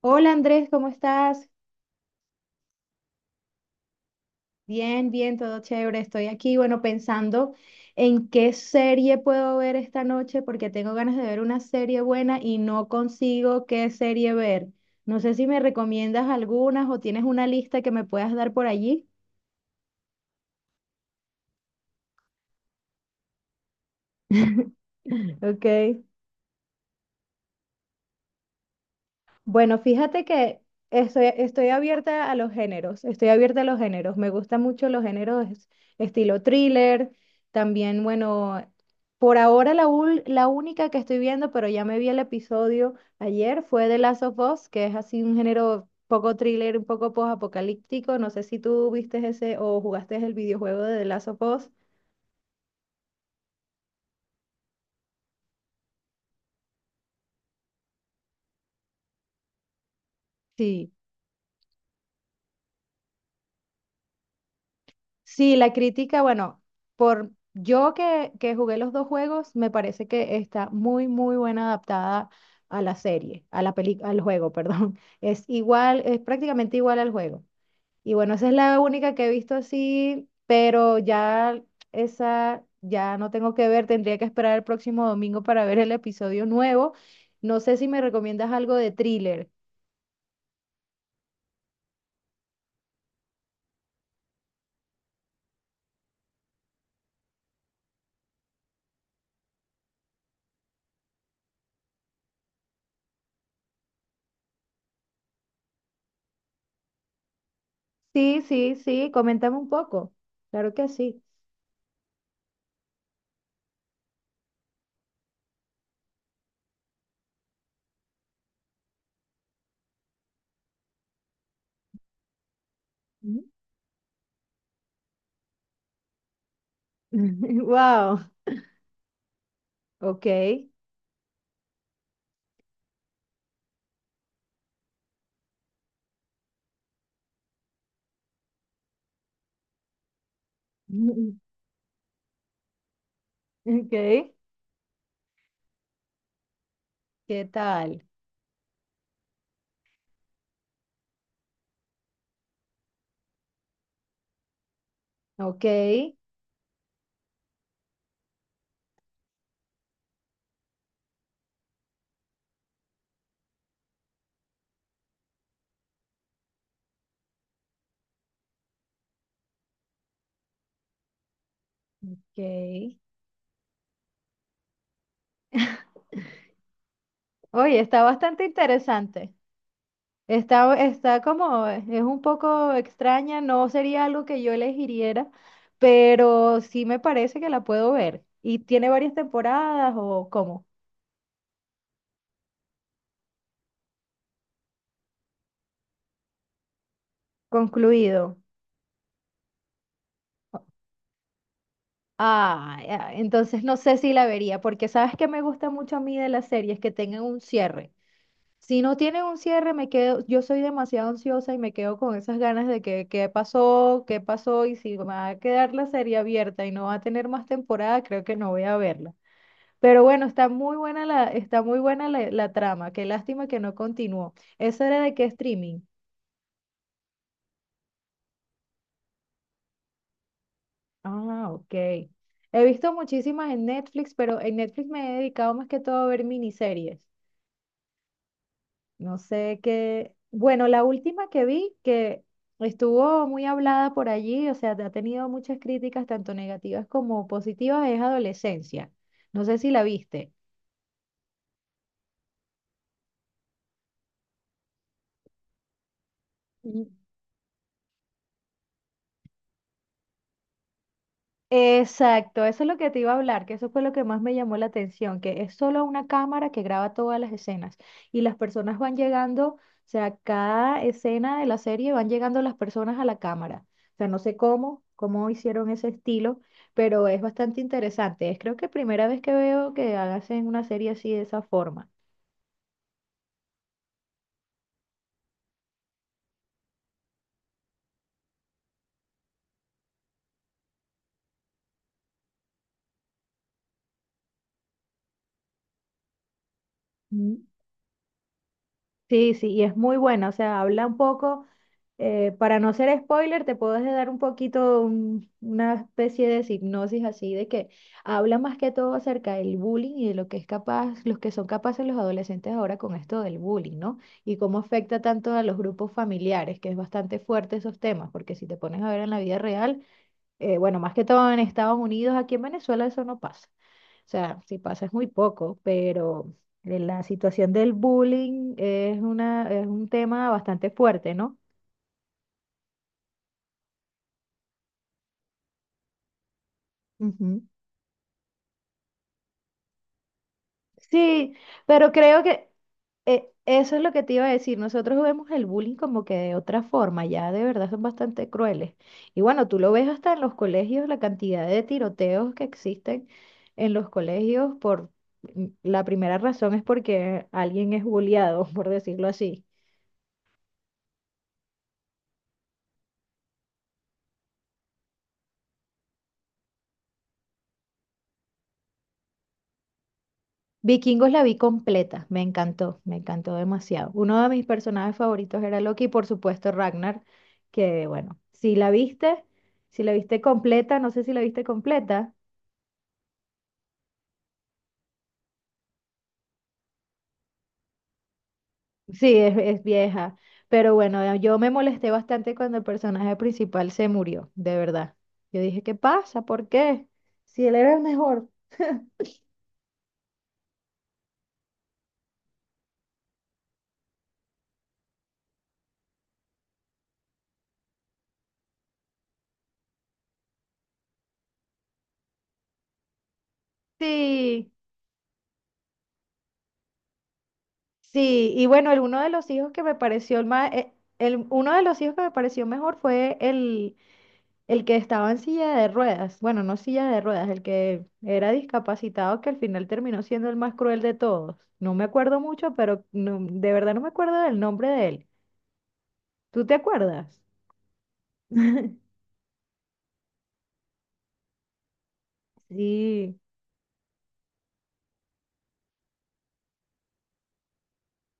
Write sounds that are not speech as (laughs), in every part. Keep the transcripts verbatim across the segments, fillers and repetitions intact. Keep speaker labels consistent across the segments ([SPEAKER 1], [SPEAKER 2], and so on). [SPEAKER 1] Hola Andrés, ¿cómo estás? Bien, bien, todo chévere. Estoy aquí, bueno, pensando en qué serie puedo ver esta noche porque tengo ganas de ver una serie buena y no consigo qué serie ver. No sé si me recomiendas algunas o tienes una lista que me puedas dar por allí. (laughs) Ok. Bueno, fíjate que estoy, estoy abierta a los géneros, estoy abierta a los géneros. Me gustan mucho los géneros es- estilo thriller, también, bueno, por ahora la, ul- la única que estoy viendo, pero ya me vi el episodio ayer, fue The Last of Us, que es así un género poco thriller, un poco post-apocalíptico. No sé si tú viste ese o jugaste el videojuego de The Last of Us. Sí. Sí, la crítica, bueno, por yo que, que jugué los dos juegos, me parece que está muy, muy buena adaptada a la serie, a la peli, al juego, (laughs) perdón. Es igual, es prácticamente igual al juego. Y bueno, esa es la única que he visto así, pero ya esa ya no tengo que ver, tendría que esperar el próximo domingo para ver el episodio nuevo. No sé si me recomiendas algo de thriller. Sí, sí, sí, coméntame un poco. Claro que sí. Wow. (laughs) Ok, (laughs) ok, ¿qué tal? Ok, ok. Oye, está bastante interesante. Está, está como, es un poco extraña, no sería algo que yo elegiría, pero sí me parece que la puedo ver. ¿Y tiene varias temporadas o cómo? Concluido. Ah, ya, entonces no sé si la vería, porque sabes que me gusta mucho a mí de las series que tengan un cierre. Si no tienen un cierre, me quedo, yo soy demasiado ansiosa y me quedo con esas ganas de que qué pasó, qué pasó y si va a quedar la serie abierta y no va a tener más temporada, creo que no voy a verla. Pero bueno, está muy buena la, está muy buena la, la trama. Qué lástima que no continuó. ¿Eso era de qué streaming? Ah, ok. He visto muchísimas en Netflix, pero en Netflix me he dedicado más que todo a ver miniseries. No sé qué. Bueno, la última que vi que estuvo muy hablada por allí, o sea, ha tenido muchas críticas, tanto negativas como positivas, es Adolescencia. No sé si la viste. Mm. Exacto, eso es lo que te iba a hablar, que eso fue lo que más me llamó la atención, que es solo una cámara que graba todas las escenas y las personas van llegando, o sea, cada escena de la serie van llegando las personas a la cámara. O sea, no sé cómo, cómo hicieron ese estilo, pero es bastante interesante. Es creo que primera vez que veo que hacen una serie así de esa forma. Sí, sí, y es muy buena, o sea, habla un poco, eh, para no ser spoiler, te puedo dar un poquito un- una especie de hipnosis así de que habla más que todo acerca del bullying y de lo que es capaz, los que son capaces los adolescentes ahora con esto del bullying, ¿no? Y cómo afecta tanto a los grupos familiares, que es bastante fuerte esos temas, porque si te pones a ver en la vida real, eh, bueno, más que todo en Estados Unidos, aquí en Venezuela eso no pasa. O sea, si pasa es muy poco, pero eh, la situación del bullying es una, es un tema bastante fuerte, ¿no? Ujú. Sí, pero creo que eh, eso es lo que te iba a decir. Nosotros vemos el bullying como que de otra forma, ya de verdad son bastante crueles. Y bueno, tú lo ves hasta en los colegios, la cantidad de tiroteos que existen en los colegios por mm, la primera razón es porque alguien es bulleado, (laughs) por decirlo así. Vikingos la vi completa, me encantó, me encantó demasiado. Uno de mis personajes favoritos era Loki y por supuesto Ragnar, que bueno, si la viste, si la viste completa, no sé si la viste completa, sí, es, es vieja, pero bueno, yo me molesté bastante cuando el personaje principal se murió, de verdad. Yo dije, ¿qué pasa? ¿Por qué? Si él era el mejor. Sí, sí, y bueno, el, uno de los hijos que me pareció el más, eh, el, uno de los hijos que me pareció mejor fue el, El que estaba en silla de ruedas, bueno, no silla de ruedas, el que era discapacitado, que al final terminó siendo el más cruel de todos. No me acuerdo mucho, pero no- de verdad no me acuerdo del nombre de él. ¿Tú te acuerdas? (laughs) Sí,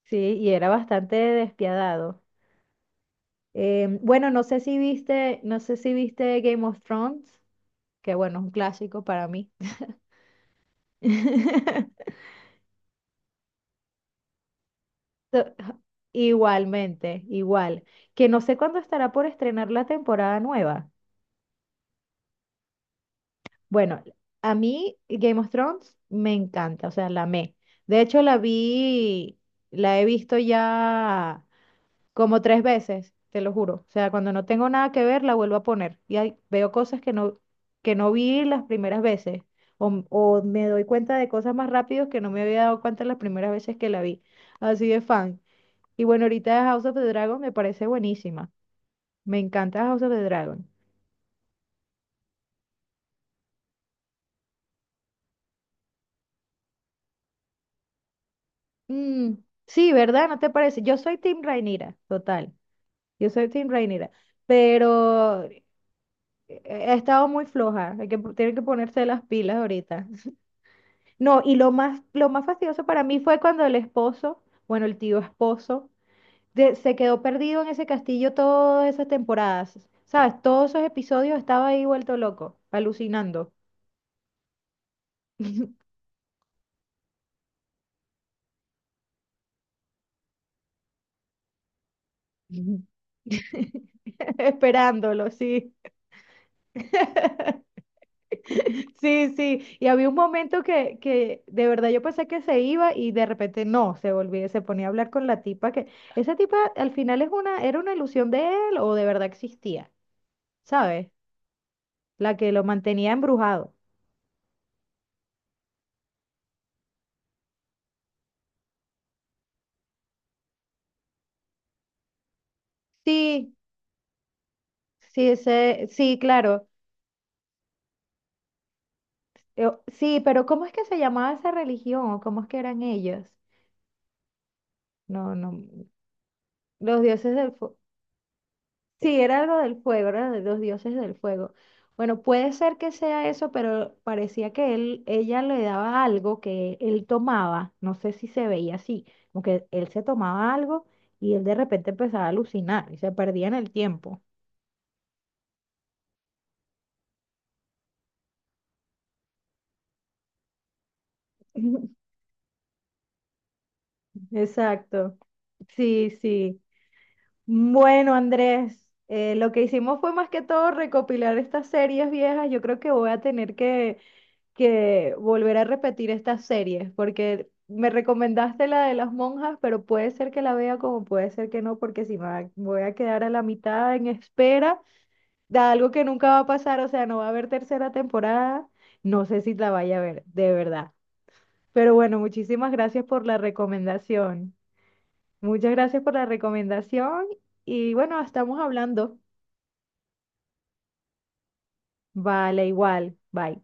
[SPEAKER 1] sí, y era bastante despiadado. Em, bueno, no sé si viste, no sé si viste Game of Thrones, que bueno, es un clásico para mí. (laughs) So- Igualmente, igual. Que no sé cuándo estará por estrenar la temporada nueva. Bueno, a mí Game of Thrones me encanta, o sea, la amé. De hecho, la vi, la he visto ya como tres veces, te lo juro. O sea, cuando no tengo nada que ver, la vuelvo a poner. Y ahí veo cosas que no, que no vi las primeras veces. O, o me doy cuenta de cosas más rápido que no me había dado cuenta las primeras veces que la vi. Así de fan. Y bueno, ahorita House of the Dragon me parece buenísima. Me encanta House of the Dragon. Mm, sí, ¿verdad? ¿No te parece? Yo soy Team Rhaenyra, total. Yo soy Team Rhaenyra, pero he he estado muy floja. Hay que, tienen que ponerse las pilas ahorita. (laughs) No, y lo más, lo más fastidioso para mí fue cuando el esposo, bueno, el tío esposo, de- se quedó perdido en ese castillo todas esas temporadas. ¿Sabes? Todos esos episodios estaba ahí vuelto loco, alucinando, (laughs) esperándolo, sí. (laughs) (laughs) Sí, sí, y había un momento que, que de verdad yo pensé que se iba y de repente no, se volvía, se ponía a hablar con la tipa que esa tipa al final es una, era una ilusión de él o de verdad existía, ¿sabes? La que lo mantenía embrujado. Sí, sí, ese, sí, claro. Yo- sí, pero ¿cómo es que se llamaba esa religión o cómo es que eran ellos? No, no, los dioses del fuego. Sí, era algo del fuego, era de los dioses del fuego. Bueno, puede ser que sea eso, pero parecía que él, ella le daba algo que él tomaba, no sé si se veía así, como que él se tomaba algo y él de repente empezaba a alucinar y se perdía en el tiempo. (laughs) Exacto. Sí, sí. Bueno, Andrés, eh, lo que hicimos fue más que todo recopilar estas series viejas. Yo creo que voy a tener que que volver a repetir estas series, porque me recomendaste la de las monjas, pero puede ser que la vea como puede ser que no, porque si me va- voy a quedar a la mitad en espera de algo que nunca va a pasar, o sea, no va a haber tercera temporada, no sé si la vaya a ver, de verdad. Pero bueno, muchísimas gracias por la recomendación. Muchas gracias por la recomendación y bueno, estamos hablando. Vale, igual. Bye.